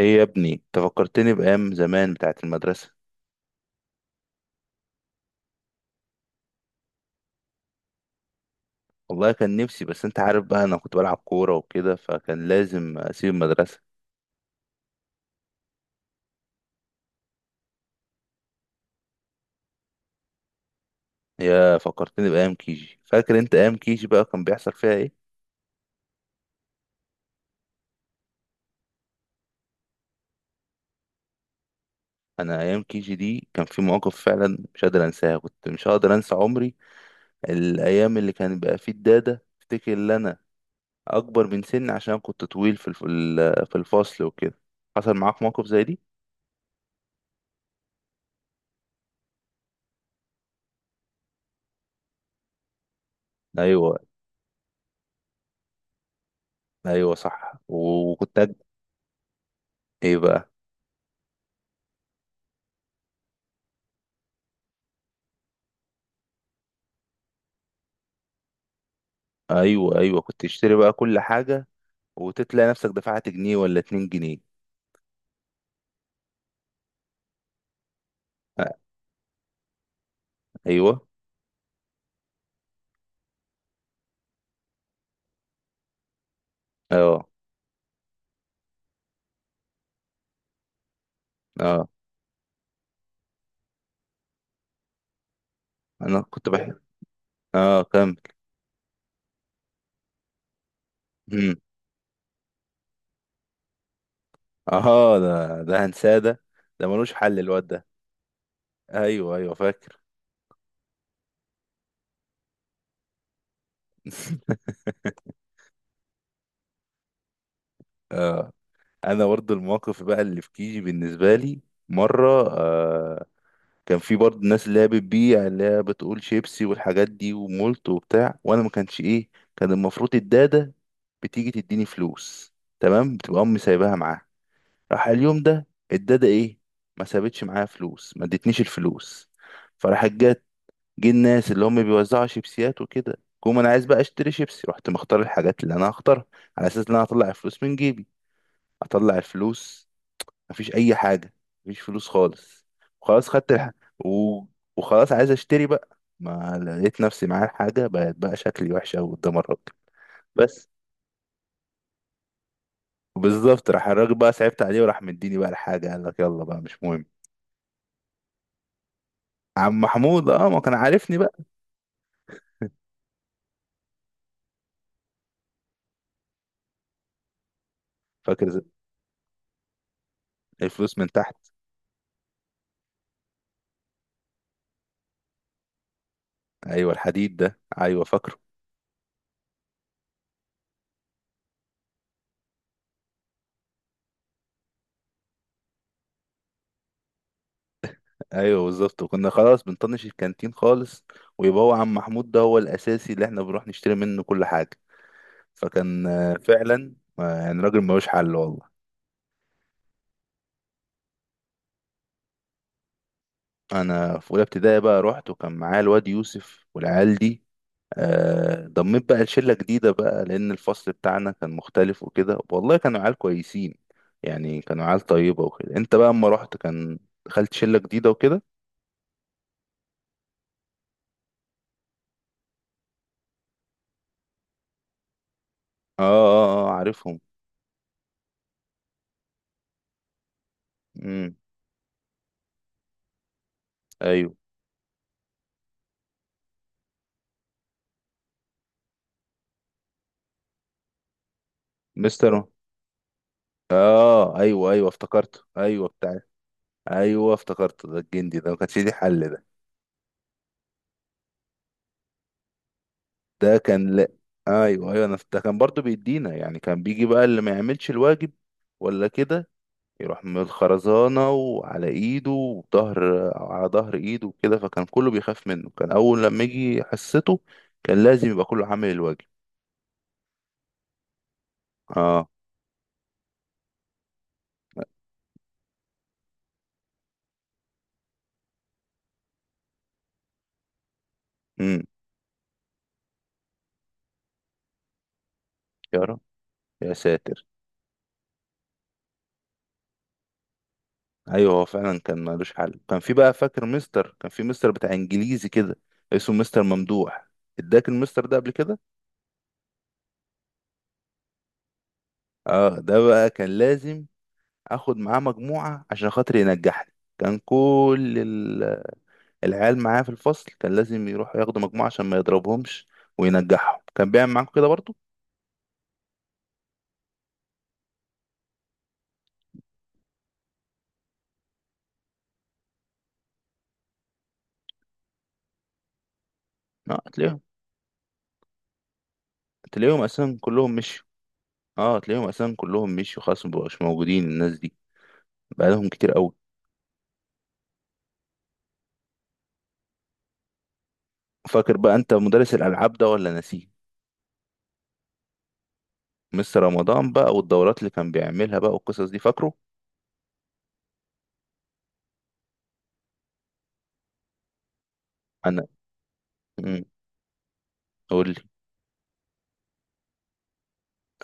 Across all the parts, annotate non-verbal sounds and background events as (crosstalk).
ايه يا ابني تفكرتني بايام زمان بتاعه المدرسه. والله كان نفسي، بس انت عارف بقى، انا كنت بلعب كوره وكده فكان لازم اسيب المدرسه. يا فكرتني بايام كيجي. فاكر انت ايام كيجي بقى كان بيحصل فيها ايه؟ انا ايام كيجي دي كان في مواقف فعلا مش قادر انساها، كنت مش هقدر انسى عمري. الايام اللي كان بقى فيه الداده افتكر ان انا اكبر من سني عشان كنت طويل في الفصل وكده. حصل معاك موقف زي دي؟ ايوه، ايوه صح. ايه بقى؟ ايوه، ايوه كنت تشتري بقى كل حاجه، وتتلاقي نفسك دفعت جنيه ولا اتنين جنيه. آه، ايوه. اه. اه. انا كنت بحب. اه، كمل. مم. اه، ده هنساه ده، ده ملوش حل الواد ده. ايوه، ايوه فاكر. (laughs) آه. انا برضو الموقف بقى اللي في كيجي بالنسبه لي مره، كان في برضه الناس اللي هي بتبيع، اللي هي بتقول شيبسي والحاجات دي ومولت وبتاع، وانا ما كانش ايه. كان المفروض الدادة بتيجي تديني فلوس، تمام، بتبقى امي سايباها معاها. راح اليوم ده الدادة ايه، ما سابتش معايا فلوس، ما ادتنيش الفلوس. فراحت جت، جه الناس اللي هم بيوزعوا شيبسيات وكده، قوم انا عايز بقى اشتري شيبسي، رحت مختار الحاجات اللي انا هختارها على اساس ان انا هطلع الفلوس من جيبي. اطلع الفلوس، مفيش اي حاجه، مفيش فلوس خالص. خلاص، و... وخلاص عايز اشتري بقى، ما لقيت نفسي معايا الحاجه، بقت بقى شكلي وحش قوي قدام الراجل. بس بالظبط، راح الراجل بقى صعبت عليه وراح مديني بقى الحاجه، قال لك يلا بقى مش مهم. عم محمود، اه، ما كان عارفني بقى. فاكر، الفلوس من تحت. ايوه، الحديد ده، ايوه فاكره. ايوه بالظبط، وكنا خلاص بنطنش الكانتين خالص، ويبقى هو عم محمود ده هو الاساسي اللي احنا بنروح نشتري منه كل حاجه. فكان فعلا، يعني راجل ملوش حل والله. انا في اولى ابتدائي بقى رحت وكان معايا الواد يوسف والعيال دي. ضميت بقى لشله جديده بقى لان الفصل بتاعنا كان مختلف وكده، والله كانوا عيال كويسين، يعني كانوا عيال طيبه وكده. انت بقى اما رحت كان دخلت شله جديده وكده. اه، اه، اه عارفهم. امم. ايوه. مستر. اه، ايوه، ايوه افتكرته، ايوه بتاع. ايوه افتكرته، ده الجندي ده ما كانش ليه حل ده. ده كان لا. ايوه، ايوه، انا ده كان برضو بيدينا، يعني كان بيجي بقى اللي ما يعملش الواجب ولا كده يروح من الخرزانة وعلى ايده وظهر، على ظهر ايده وكده، فكان كله بيخاف منه، كان اول لما يجي حسته كان لازم يبقى كله عامل الواجب. اه. امم. يا رب، يا ساتر. ايوه هو فعلا كان ملوش حل. كان في مستر بتاع انجليزي كده، اسمه مستر ممدوح. اداك المستر ده قبل كده؟ اه، ده بقى كان لازم اخد معاه مجموعة عشان خاطر ينجحني. كان كل العيال معاه في الفصل كان لازم يروح ياخدوا مجموعة عشان ما يضربهمش وينجحهم. كان بيعمل معاكم كده برضه؟ اه، تلاقيهم، تلاقيهم اساسا كلهم مشيوا. اه، تلاقيهم اساسا كلهم مشيوا، خلاص مبقوش موجودين الناس دي، بقالهم كتير قوي. فاكر بقى انت مدرس الالعاب ده ولا نسيه؟ مستر رمضان بقى، والدورات اللي كان بيعملها بقى، والقصص دي فاكره؟ انا. امم. قول لي.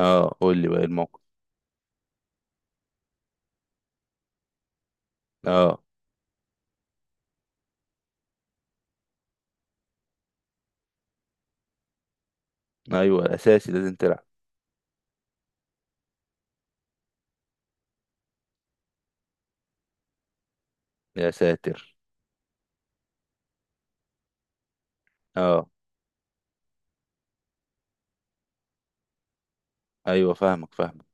اه، قول لي بقى الموقف. اه. ايوه اساسي لازم تلعب. يا ساتر. اه، ايوه فاهمك، فاهمك.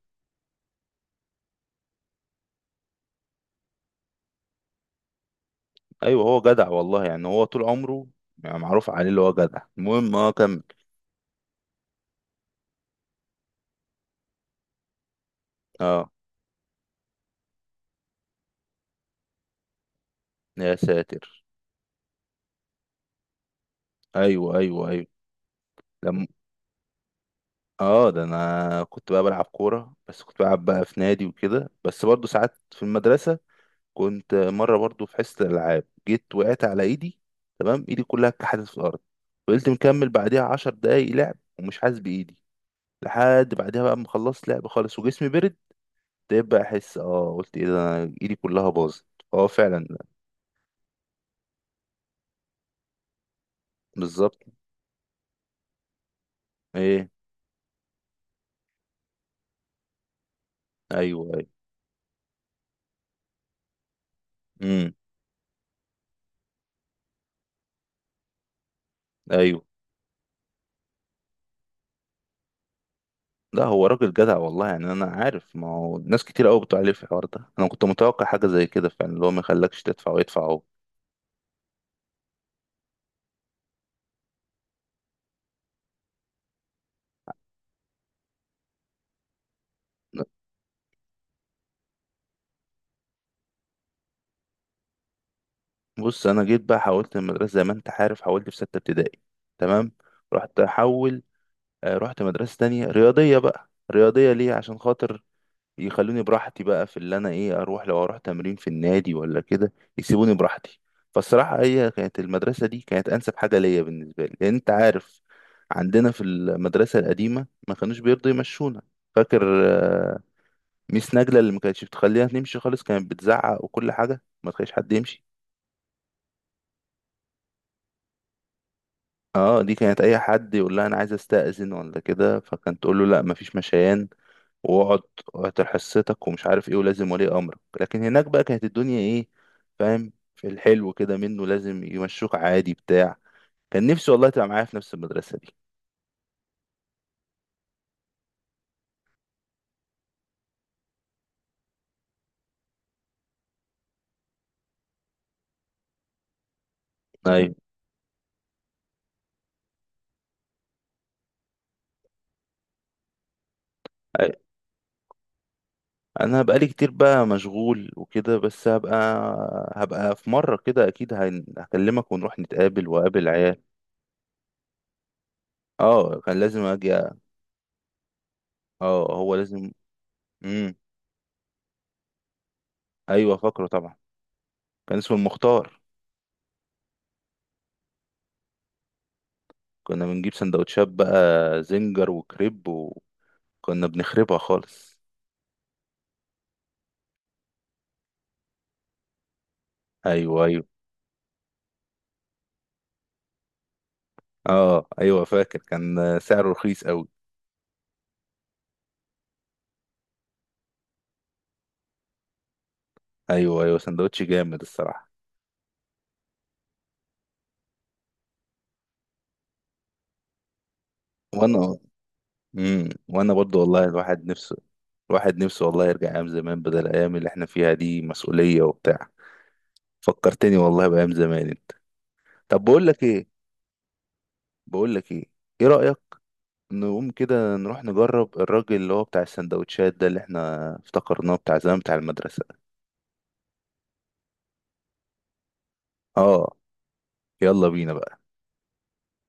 ايوه هو جدع والله، يعني هو طول عمره، يعني معروف عليه اللي هو جدع. المهم، اه كمل. اه. يا ساتر. ايوه، ايوه، ايوه. لم. اه، ده انا كنت بقى بلعب كوره، بس كنت بلعب بقى في نادي وكده، بس برضو ساعات في المدرسه كنت مره برضو في حصه الالعاب جيت وقعت على ايدي. تمام، ايدي كلها اتكحلت في الارض. فضلت مكمل بعديها 10 دقايق لعب ومش حاسس بايدي. لحد بعدها بقى ما خلصت لعب خالص وجسمي برد، ابتديت بقى احس، قلت ايه ده، انا ايدي كلها باظت. اه، فعلا. بالظبط. ايه. ايوه، ايوه. امم. ايوه. لا، هو راجل جدع والله، يعني انا عارف، ما هو ناس كتير قوي بتقول عليه في الحوار ده، انا كنت متوقع حاجه زي كده فعلا، اللي هو ما يخلكش تدفع ويدفع هو. لا. بص، انا جيت بقى حولت المدرسه زي ما انت عارف، حولت في سته ابتدائي، تمام. رحت احول. رحت مدرسه تانية رياضيه بقى، رياضيه ليه؟ عشان خاطر يخلوني براحتي بقى، في اللي انا ايه، اروح لو اروح تمرين في النادي ولا كده يسيبوني براحتي. فالصراحة هي كانت المدرسة دي كانت انسب حاجة ليا بالنسبة لي، لان انت عارف عندنا في المدرسة القديمة ما كانوش بيرضوا يمشونا. فاكر آه، ميس نجلة اللي ما كانتش بتخلينا نمشي خالص، كانت بتزعق وكل حاجة، ما تخليش حد يمشي. اه، دي كانت اي حد يقول لها انا عايز استأذن ولا كده، فكانت تقول له لا مفيش مشيان، واقعد. وهتحسسك ومش عارف ايه، ولازم ولي امرك. لكن هناك بقى كانت الدنيا ايه، فاهم، في الحلو كده منه، لازم يمشوك عادي بتاع. كان نفسي والله تبقى معايا في نفس المدرسة دي. ايوه. أيوة. انا بقالي كتير بقى مشغول وكده، بس هبقى، هبقى في مرة كده اكيد هكلمك ونروح نتقابل واقابل العيال. اه، كان لازم اجي. اه، هو لازم. امم. ايوه، فاكره طبعا. كان اسمه المختار. كنا بنجيب سندوتشات بقى، زنجر وكريب، وكنا بنخربها خالص. ايوه، ايوه. اه، ايوه، فاكر كان سعره رخيص قوي. ايوه، ايوه، سندوتش جامد الصراحه. وانا. امم. وانا برضو والله الواحد نفسه، الواحد نفسه والله يرجع ايام زمان بدل الايام اللي احنا فيها دي مسؤوليه وبتاع. فكرتني والله بايام زمان انت. طب بقول لك ايه، بقول لك ايه، ايه رايك نقوم كده نروح نجرب الراجل اللي هو بتاع السندوتشات ده اللي احنا افتكرناه بتاع زمان بتاع المدرسه؟ اه. يلا بينا بقى.